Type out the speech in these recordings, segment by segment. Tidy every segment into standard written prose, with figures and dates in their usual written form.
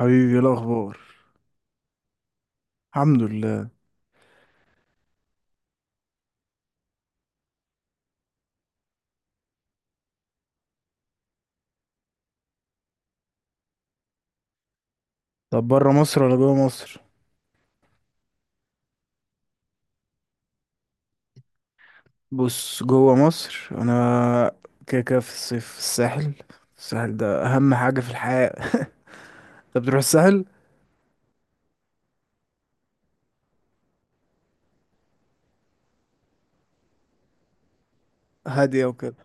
حبيبي، إيه الاخبار؟ الحمد لله. طب، بره مصر ولا جوه مصر؟ بص، جوه مصر انا كده كده في الصيف في الساحل. الساحل ده اهم حاجه في الحياه. انت بتروح الساحل؟ هاديه وكده.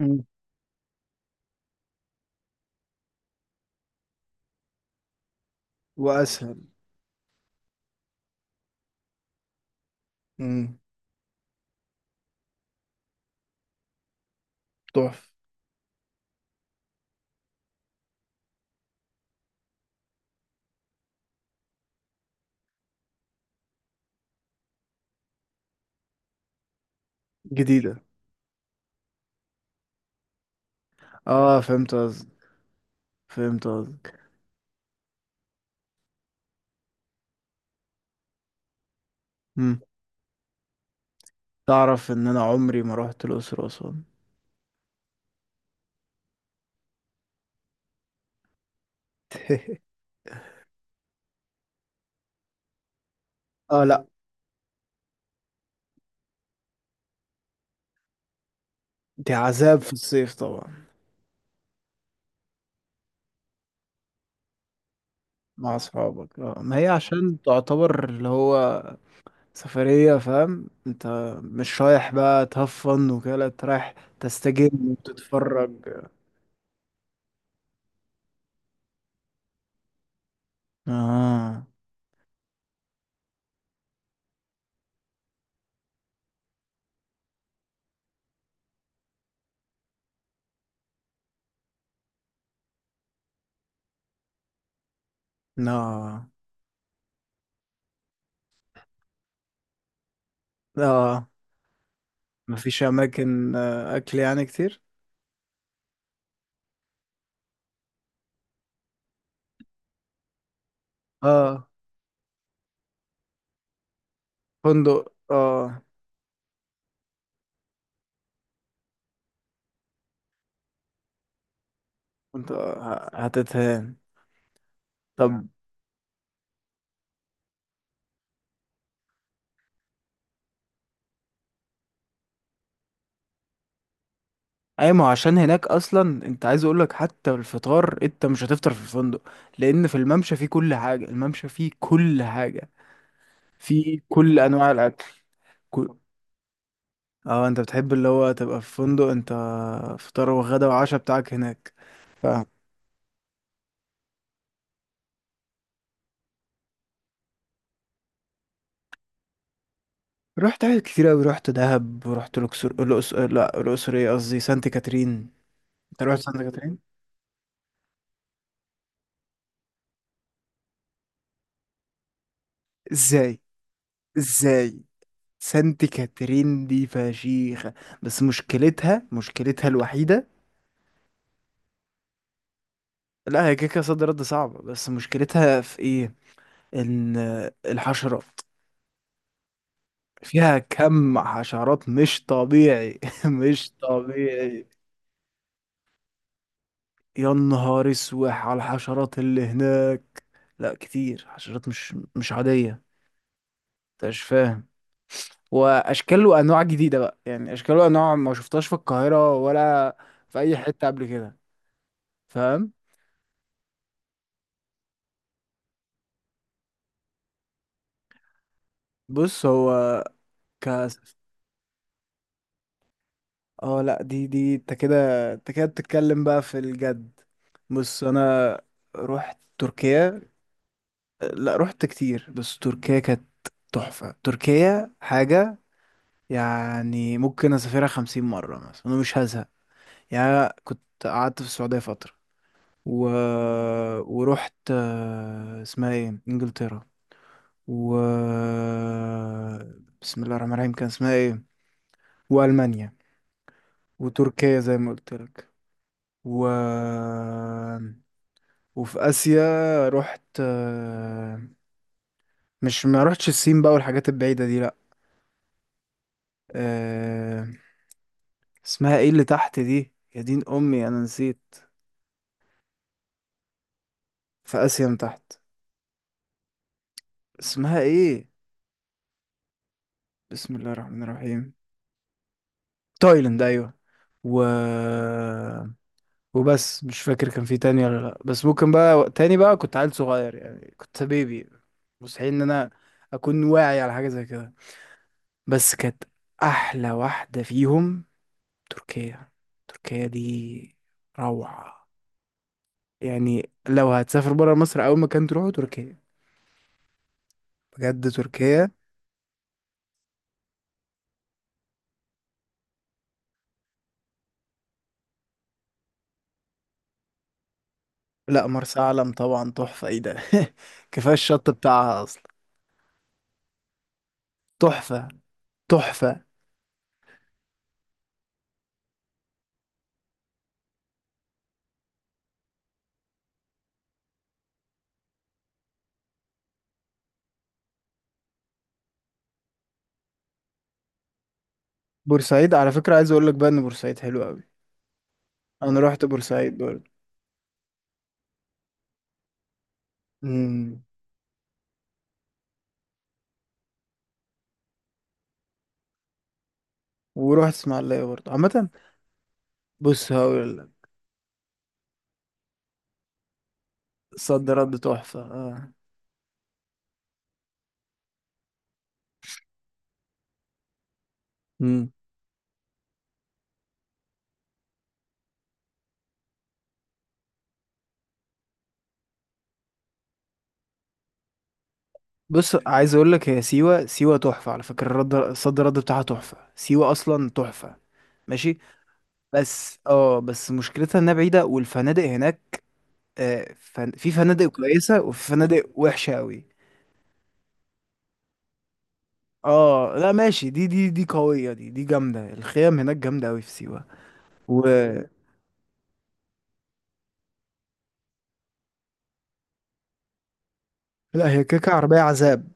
مم. واسهل. امم. تحفه. جديده. اه، فهمت قصدك. فهمت قصدك. امم. تعرف ان انا عمري ما رحت الاقصر واسوان؟ اه، لا. دي عذاب في الصيف طبعا. مع اصحابك، اه، ما هي عشان تعتبر اللي هو سفرية، فاهم انت؟ مش رايح بقى تهفن وكده، لا انت رايح تستجم وتتفرج. اه، لا. لا، مفيش اماكن اكل يعني كتير. اه، فندق، اه. انت هتتهان. طب، اي ما هو عشان هناك اصلا انت عايز اقولك حتى الفطار انت مش هتفطر في الفندق، لان في الممشى فيه كل حاجة، الممشى فيه كل حاجة، فيه كل انواع الاكل. اه، انت بتحب اللي هو تبقى في فندق، انت فطار وغدا وعشاء بتاعك هناك. ف رحت حاجات كتير اوي، رحت دهب ورحت الاقصر، لا الاقصر ايه قصدي سانت كاترين. انت رحت سانت كاترين؟ ازاي؟ ازاي؟ سانت كاترين دي فشيخة. بس مشكلتها الوحيدة. لا هي كيكة صد رد صعبة، بس مشكلتها في ايه؟ ان الحشرات فيها، كم حشرات مش طبيعي. مش طبيعي. يا نهار اسوح على الحشرات اللي هناك. لا كتير حشرات مش عادية. انت مش فاهم. واشكال وانواع جديدة بقى، يعني اشكال وانواع ما شفتهاش في القاهرة ولا في اي حتة قبل كده. فاهم. بص هو ك اه، لا دي انت كده. انت كده بتتكلم بقى في الجد. بص انا رحت تركيا. لا رحت كتير، بس تركيا كانت تحفة. تركيا حاجة، يعني ممكن اسافرها 50 مرة مثلا، انا مش هزهق. يعني كنت قعدت في السعودية فترة و... ورحت اسمها ايه، انجلترا، و بسم الله الرحمن الرحيم كان اسمها ايه، والمانيا، وتركيا زي ما قلت لك، و وفي اسيا رحت مش ما رحتش الصين بقى والحاجات البعيدة دي لا. آه، اسمها ايه اللي تحت دي، يا دين امي انا نسيت. في اسيا من تحت، اسمها ايه؟ بسم الله الرحمن الرحيم. تايلاند، ايوه. و وبس، مش فاكر كان في تاني ولا لا، بس ممكن بقى تاني، بقى كنت عيل صغير يعني، كنت بيبي. مستحيل ان انا اكون واعي على حاجه زي كده. بس كانت احلى واحده فيهم تركيا. تركيا دي روعه. يعني لو هتسافر برا مصر، اول مكان تروحه تركيا. بجد تركيا. لا مرسى علم طبعا تحفه، ايه ده. كفايه الشط بتاعها اصلا. تحفه. تحفة. بورسعيد على فكرة عايز اقول لك، بقى ان بورسعيد حلو قوي. انا رحت بورسعيد برضه. امم. ورحت اسماعيلية برضه عامة. بص هقول لك، صد رد تحفة، اه. امم. بص عايز اقول لك، هي سيوة، سيوة تحفة على فكرة. الرد صد رد بتاعها تحفة، سيوة اصلا تحفة. ماشي. بس مشكلتها انها بعيدة، والفنادق هناك في فنادق كويسة وفي فنادق وحشة قوي. اه لا ماشي، دي قوية، دي جامدة، الخيام هناك جامدة قوي في سيوة. لا هي كيكة عربية عذاب.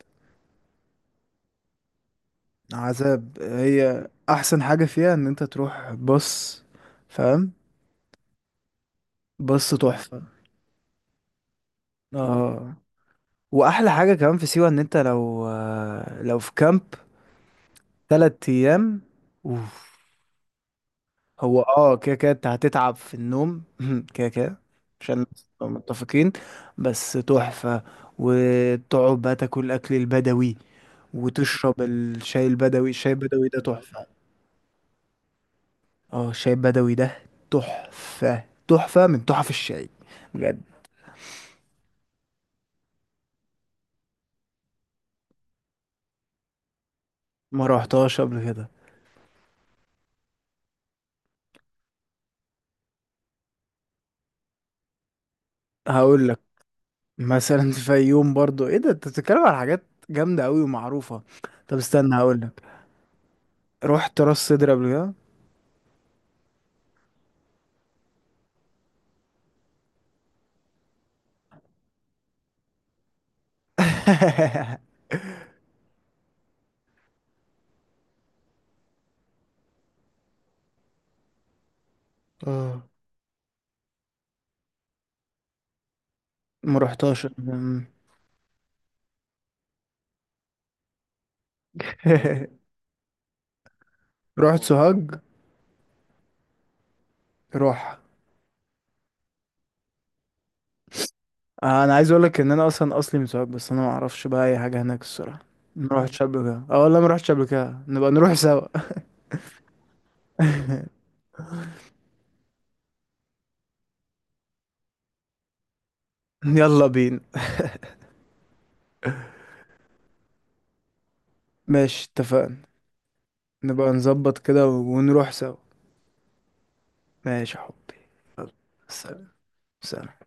عذاب، هي أحسن حاجة فيها إن أنت تروح، بص، فاهم. بص تحفة. اه، وأحلى حاجة كمان في سيوة إن أنت لو في كامب 3 أيام، أوف. هو اه كده كده أنت هتتعب في النوم. كده كده، عشان نبقى متفقين. بس تحفة. وتقعد بقى تاكل الأكل البدوي، وتشرب الشاي البدوي. الشاي البدوي ده تحفة. اه، الشاي البدوي ده تحفة. تحفة من تحف الشاي، بجد. ما روحتهاش قبل كده. هقول لك مثلا. في يوم برضو، ايه ده، انت بتتكلم على حاجات جامدة قوي ومعروفة. طب استنى هقول لك. رحت راس سدر قبل كده. اه، ما روحتهاش. أمم. رحت سوهاج. روح. انا عايز اقول لك ان انا اصلا اصلي من سوهاج، بس انا ما اعرفش بقى اي حاجة هناك الصراحة. ما روحتش قبل كده، اه والله ما روحتش قبل كده. نبقى نروح سوا. يلا بينا. ماشي، اتفقنا. نبقى نظبط كده ونروح سوا. ماشي يا حبي. سلام. سلام.